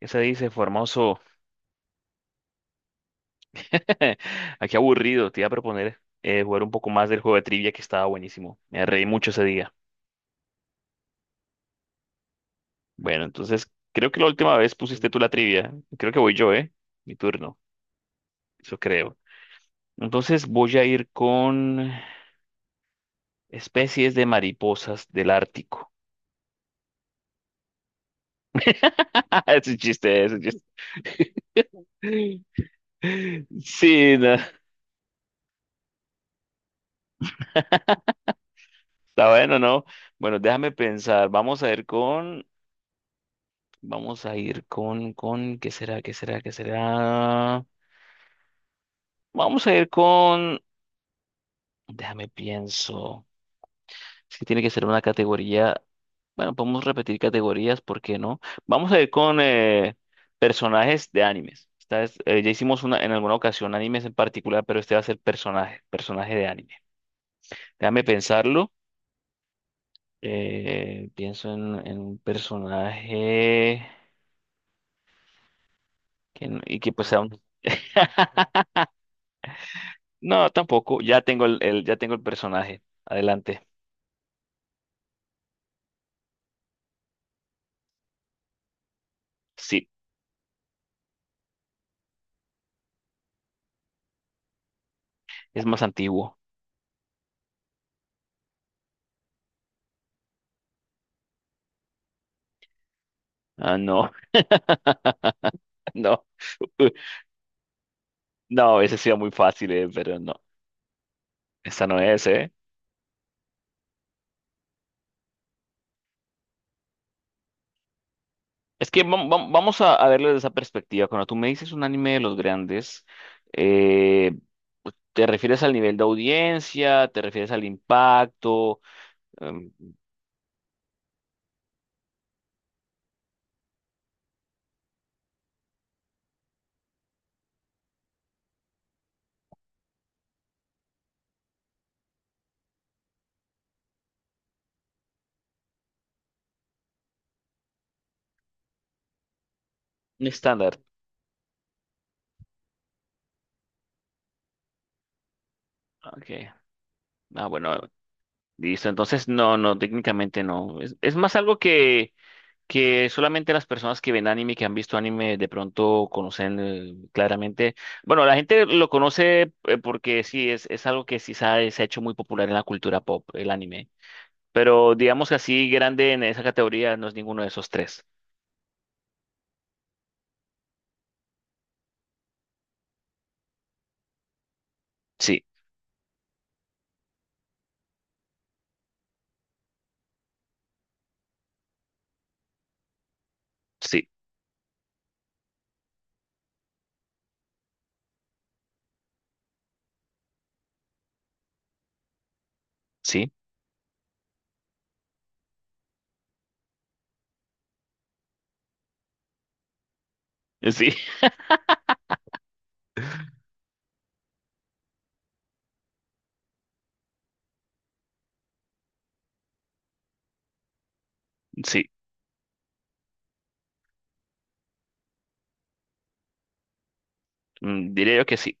¿Qué se dice, Formoso? Aquí aburrido, te iba a proponer jugar un poco más del juego de trivia que estaba buenísimo. Me reí mucho ese día. Bueno, entonces creo que la última vez pusiste tú la trivia. Creo que voy yo, ¿eh? Mi turno, eso creo. Entonces voy a ir con especies de mariposas del Ártico. Es un chiste, es un chiste. Sí, no, está bueno, ¿no? Bueno, déjame pensar. Vamos a ir con... Vamos a ir con, ¿qué será? ¿Qué será? ¿Qué será? Vamos a ir con, déjame pienso. Es que tiene que ser una categoría. Bueno, podemos repetir categorías, ¿por qué no? Vamos a ir con personajes de animes. Esta vez, ya hicimos una, en alguna ocasión animes en particular, pero este va a ser personaje de anime. Déjame pensarlo. Pienso en un personaje que, que pues sea un- No, tampoco. Ya tengo ya tengo el personaje. Adelante. Sí, es más antiguo. Ah, no, no. No, ese sí era muy fácil, pero no. Esta no es, ¿eh? Es que vamos a verlo desde esa perspectiva. Cuando tú me dices un anime de los grandes, eh, ¿te refieres al nivel de audiencia? ¿Te refieres al impacto? Em, un estándar. Ok. Ah, bueno, listo. Entonces, no, no, técnicamente no. Es más algo que solamente las personas que ven anime, que han visto anime, de pronto conocen claramente. Bueno, la gente lo conoce porque sí, es algo que sí se ha hecho muy popular en la cultura pop, el anime. Pero digamos que así grande en esa categoría no es ninguno de esos tres. Sí, sí, sí, sí, sí. Mm, diría yo que sí.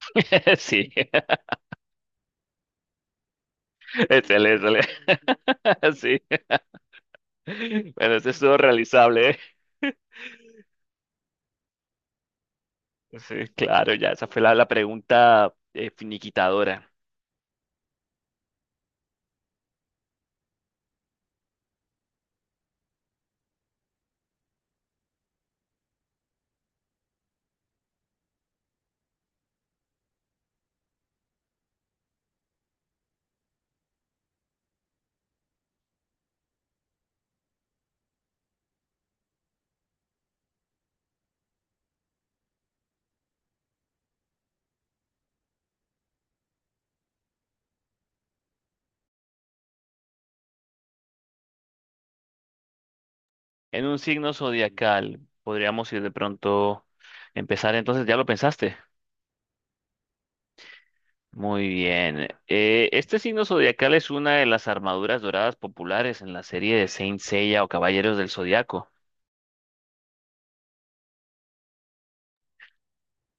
Sí, excelente, excelente. Sí. Bueno, este estuvo realizable, ¿eh? Sí, claro, ya esa fue la pregunta finiquitadora. En un signo zodiacal, podríamos ir de pronto empezar. Entonces, ¿ya lo pensaste? Muy bien. Este signo zodiacal es una de las armaduras doradas populares en la serie de Saint Seiya o Caballeros del Zodiaco.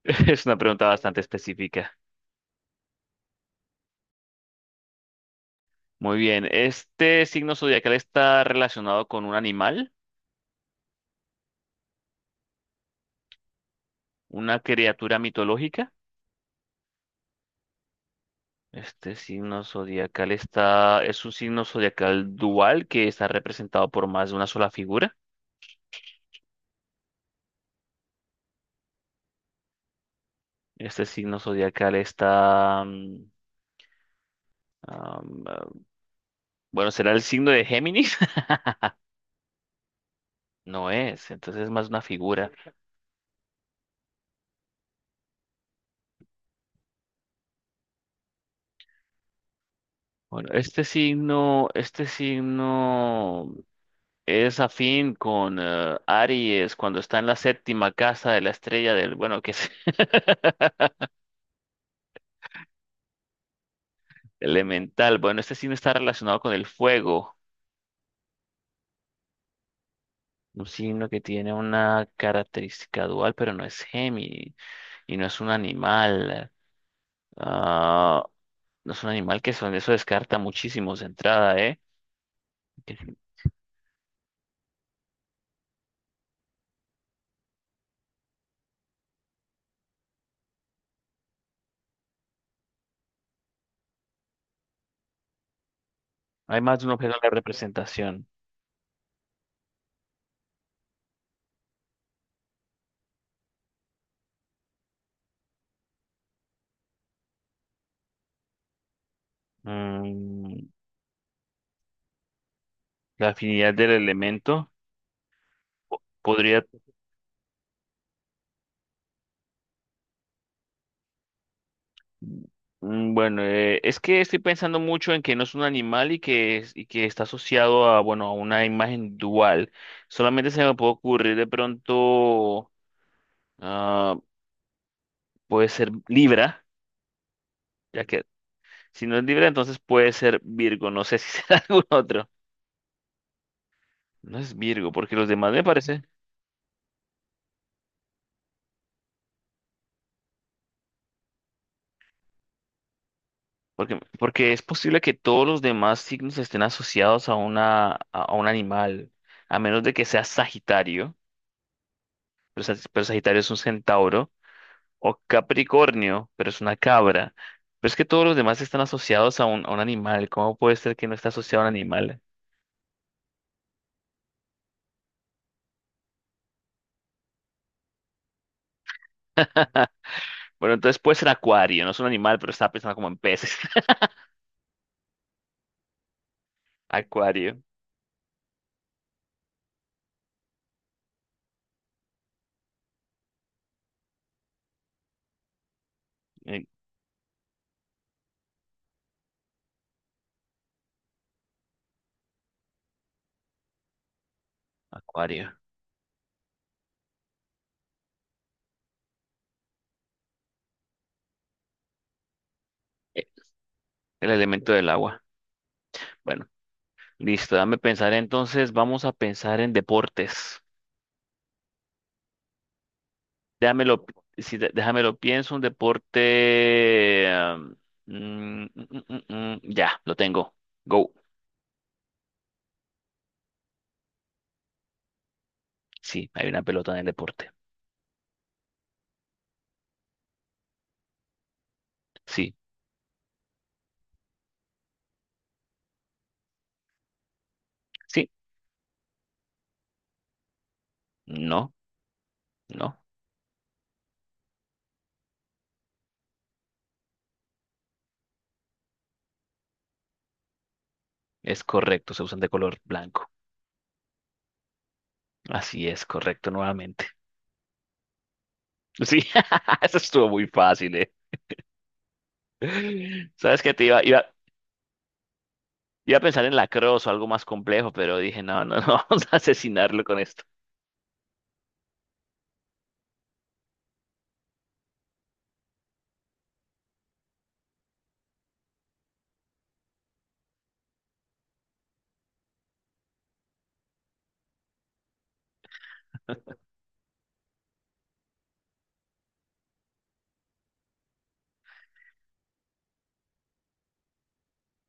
Es una pregunta bastante específica. Muy bien. ¿Este signo zodiacal está relacionado con un animal, una criatura mitológica? Este signo zodiacal está, es un signo zodiacal dual que está representado por más de una sola figura. Este signo zodiacal está... am, ah, bueno, ¿será el signo de Géminis? No es, entonces es más una figura. Bueno, este signo es afín con Aries cuando está en la séptima casa de la estrella del, bueno, que es elemental. Bueno, este signo está relacionado con el fuego, un signo que tiene una característica dual, pero no es Géminis y no es un animal. Ah, no es un animal que son, eso descarta muchísimos de entrada, ¿eh? Que- sí. Hay más de un objeto en la representación. Mm, la afinidad del elemento po- podría. Mm, bueno, es que estoy pensando mucho en que no es un animal y que, es- y que está asociado a, bueno, a una imagen dual. Solamente se me puede ocurrir de pronto, ah, puede ser Libra, ya que si no es Libra, entonces puede ser Virgo. No sé si será algún otro. No es Virgo, porque los demás me parece. Porque, porque es posible que todos los demás signos estén asociados a una, a un animal, a menos de que sea Sagitario, pero, Sa- pero Sagitario es un centauro, o Capricornio, pero es una cabra. Pero es que todos los demás están asociados a a un animal. ¿Cómo puede ser que no esté asociado a un animal? Bueno, entonces puede ser Acuario, no es un animal, pero está pensando como en peces. Acuario, eh, Acuario, eh, el elemento del agua. Bueno, listo, dame pensar entonces, vamos a pensar en deportes. Déjamelo, sí, dé- déjamelo pienso, un deporte. Am, mm, mm, mm, mm, mm, ya, lo tengo. Go. Sí, hay una pelota en el deporte. Sí, sí, no, no. Es correcto, se usan de color blanco. Así es, correcto, nuevamente. Sí, eso estuvo muy fácil, ¿eh? Sabes que te iba a pensar en lacrosse o algo más complejo, pero dije, no, no, no, vamos a asesinarlo con esto.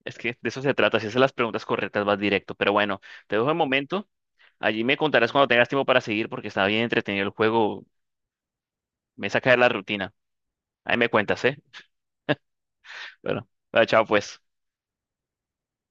Es que de eso se trata. Si haces las preguntas correctas, vas directo. Pero bueno, te dejo el momento. Allí me contarás cuando tengas tiempo para seguir porque está bien entretenido el juego. Me saca de la rutina. Ahí me cuentas, ¿eh? Bueno, bueno, chao pues.